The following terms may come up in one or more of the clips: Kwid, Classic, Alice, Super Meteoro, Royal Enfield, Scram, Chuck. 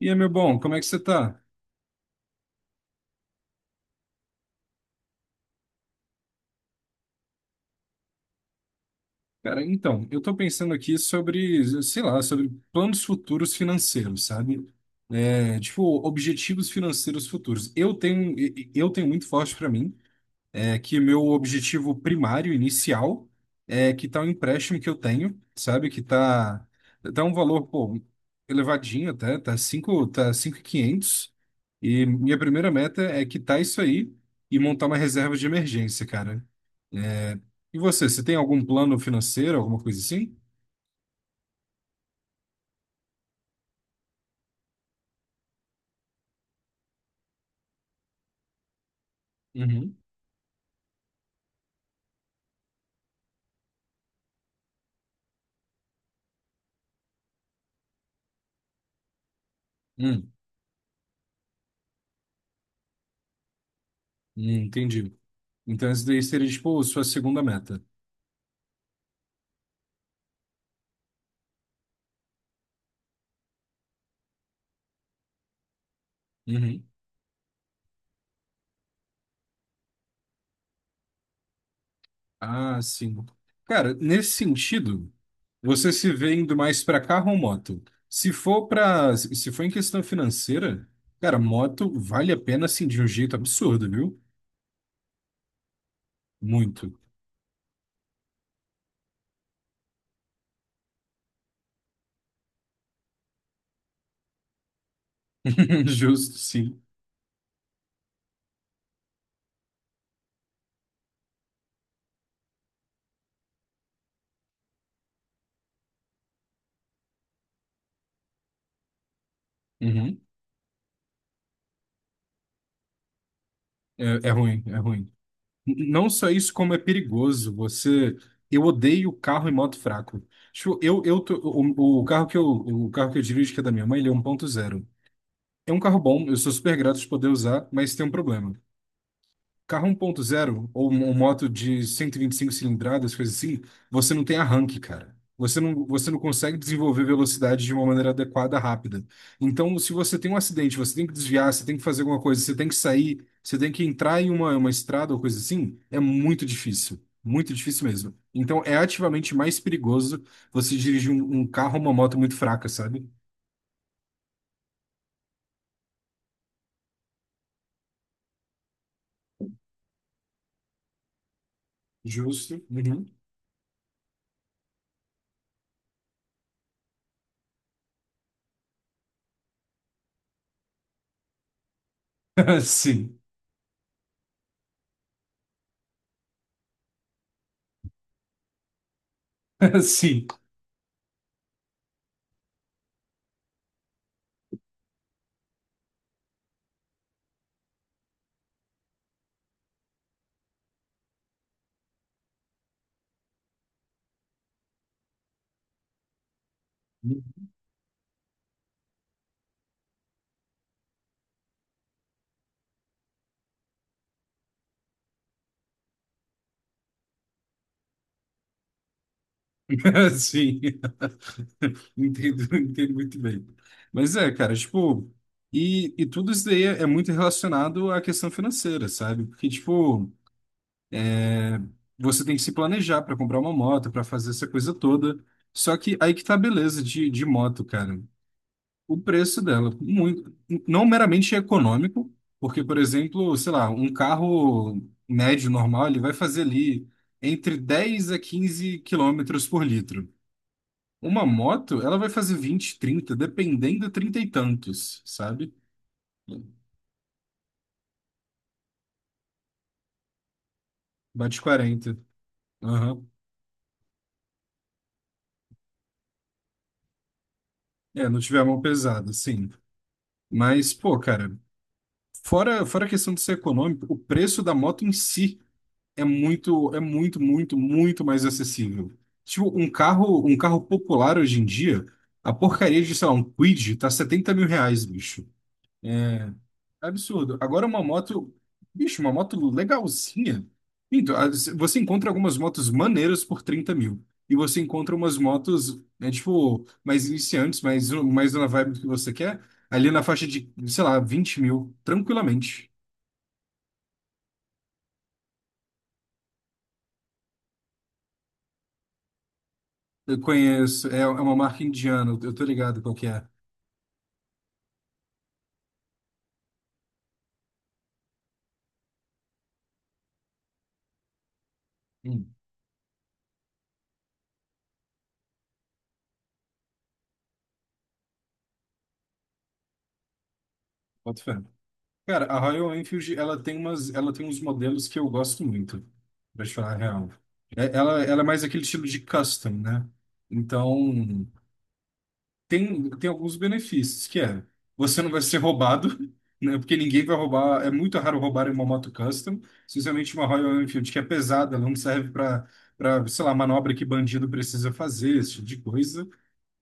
E aí, meu bom, como é que você tá? Cara, então, eu tô pensando aqui sobre, sei lá, sobre planos futuros financeiros, sabe? É, tipo, objetivos financeiros futuros. Eu tenho muito forte pra mim, que meu objetivo primário, inicial, é quitar o empréstimo que eu tenho, sabe? Que tá um valor, pô, elevadinho até, tá 5, tá 5.500. E quinhentos. E minha primeira meta é quitar isso aí e montar uma reserva de emergência, cara. É, e você tem algum plano financeiro, alguma coisa assim? Uhum. Hum, entendi. Então, isso daí seria, tipo, sua segunda meta. Uhum. Ah, sim. Cara, nesse sentido, você se vê indo mais pra carro ou moto? Se for em questão financeira, cara, moto vale a pena, assim, de um jeito absurdo, viu? Muito. Justo, sim. Uhum. É, é ruim, é ruim. Não só isso, como é perigoso. Você, eu odeio carro e moto fraco. Tipo, eu tô- o carro que eu, o carro que eu dirijo, que é da minha mãe, ele é 1.0. É um carro bom, eu sou super grato de poder usar, mas tem um problema. Carro 1.0 ou uma moto de 125 cilindradas, coisa assim, você não tem arranque, cara. Você não consegue desenvolver velocidade de uma maneira adequada, rápida. Então, se você tem um acidente, você tem que desviar, você tem que fazer alguma coisa, você tem que sair, você tem que entrar em uma estrada ou coisa assim, é muito difícil. Muito difícil mesmo. Então, é ativamente mais perigoso você dirigir um carro ou uma moto muito fraca, sabe? Justo. Uhum. Sim. Sim. Sim. Entendo, entendo muito bem. Mas é, cara, tipo, e, tudo isso daí é muito relacionado à questão financeira, sabe? Porque, tipo, é, você tem que se planejar para comprar uma moto, para fazer essa coisa toda. Só que aí que tá a beleza de moto, cara. O preço dela, muito, não meramente econômico, porque, por exemplo, sei lá, um carro médio normal, ele vai fazer ali entre 10 a 15 quilômetros por litro. Uma moto, ela vai fazer 20, 30 dependendo, 30 e tantos, sabe? Bate quarenta. Aham. É, não tiver a mão pesada, sim. Mas, pô, cara, fora a questão de ser econômico, o preço da moto em si é muito, muito, muito mais acessível. Tipo, um carro popular hoje em dia, a porcaria de, sei lá, um Kwid tá R$ 70.000, bicho. Absurdo. Agora uma moto, bicho, uma moto legalzinha. Então, as- você encontra algumas motos maneiras por 30.000. E você encontra umas motos, né, tipo, mais iniciantes, mais na vibe que você quer, ali na faixa de, sei lá, 20.000, tranquilamente. Eu conheço, é, é uma marca indiana, eu tô ligado qual que é. Hum, boto fé. Cara, a Royal Enfield, ela tem uns modelos que eu gosto muito, pra te falar a real. É- ela é mais aquele estilo de custom, né? Então, tem alguns benefícios, que é, você não vai ser roubado, né? Porque ninguém vai roubar, é muito raro roubar uma moto custom, especialmente uma Royal Enfield, que é pesada, ela não serve para, para, sei lá, manobra que bandido precisa fazer, esse tipo de coisa.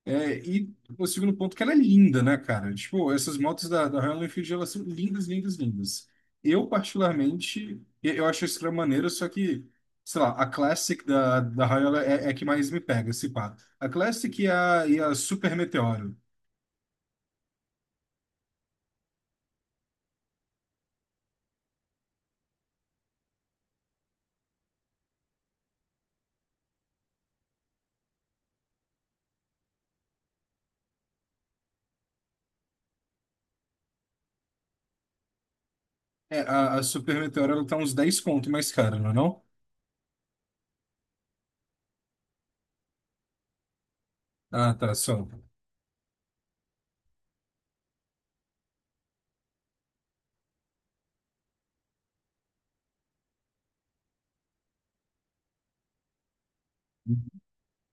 É, e o segundo ponto que ela é linda, né, cara? Tipo, essas motos da Royal Enfield, elas são lindas, lindas, lindas. Eu, particularmente, e- eu acho a Scram maneira, só que, sei lá, a Classic da Royal é, é a que mais me pega, se pá. A Classic e a Super Meteoro. É, a Super Meteoro, ela tá uns dez conto mais cara, não é não? Ah, tá, só.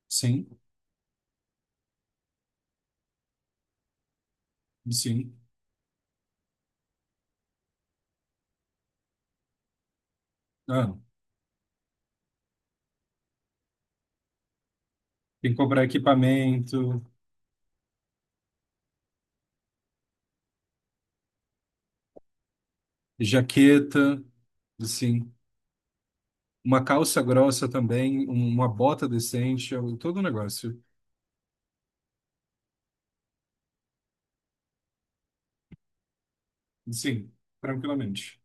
Sim, sim. Ah, tem que comprar equipamento, jaqueta, sim. Uma calça grossa também, um- uma bota decente, eu- todo o negócio. Sim, tranquilamente.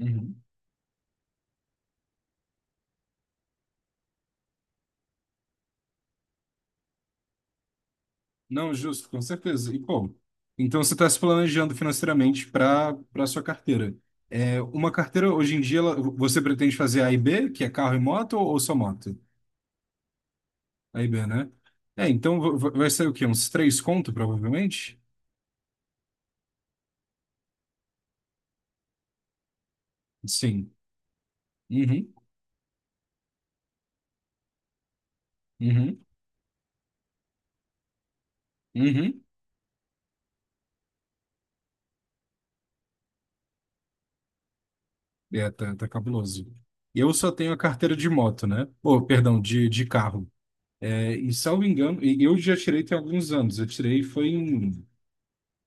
Uhum. Não, justo, com certeza. E, pô, então você está se planejando financeiramente para sua carteira. É, uma carteira, hoje em dia, ela- você pretende fazer A e B, que é carro e moto, ou só moto? A e B, né? É, então va- va- vai ser o quê? Uns três conto, provavelmente? Sim. Uhum, uhum, uhum. É, tá, tá cabuloso. Eu só tenho a carteira de moto, né? Ou, perdão, de carro. É, e salvo engano, e eu já tirei tem alguns anos. Eu tirei foi em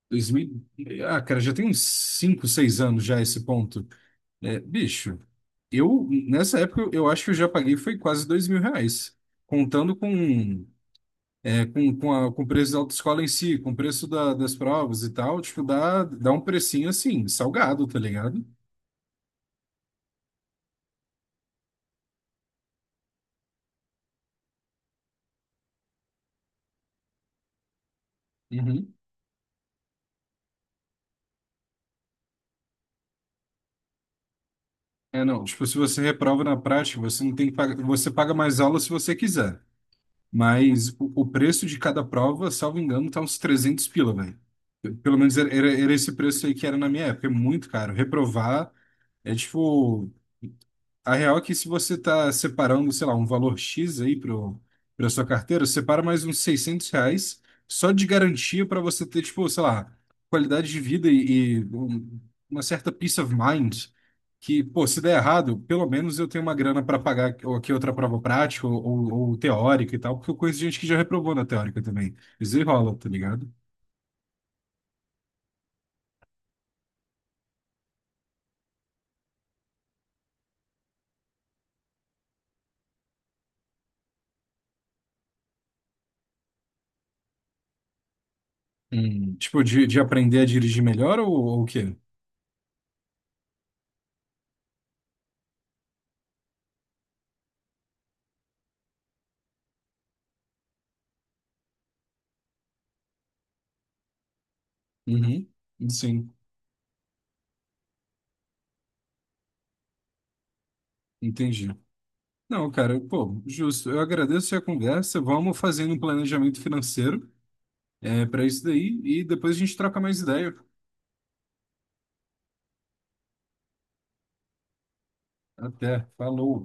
2000. Ah, cara, já tem uns 5, 6 anos já esse ponto. É, bicho, eu nessa época eu acho que eu já paguei foi quase R$ 2.000. Contando com, é, com o preço da autoescola em si, com o preço da- das provas e tal, tipo, dá um precinho assim, salgado, tá ligado? Uhum. É, não, tipo, se você reprova na prática, você não tem que pagar, você paga mais aula se você quiser. Mas o preço de cada prova, salvo engano, tá uns 300 pila, velho. Pelo menos era esse preço aí que era na minha época. É muito caro. Reprovar é tipo. A real é que se você está separando, sei lá, um valor X aí para sua carteira, separa mais uns 600 reais só de garantia para você ter, tipo, sei lá, qualidade de vida e um- uma certa peace of mind que, pô, se der errado, pelo menos eu tenho uma grana para pagar ou aqui outra prova prática ou teórica e tal, porque eu conheço gente que já reprovou na teórica também. Isso aí rola, tá ligado? Hum. Tipo, de aprender a dirigir melhor ou o quê? Uhum. Sim, entendi. Não, cara, pô, justo. Eu agradeço a conversa. Vamos fazendo um planejamento financeiro é, para isso daí e depois a gente troca mais ideia. Até. Falou.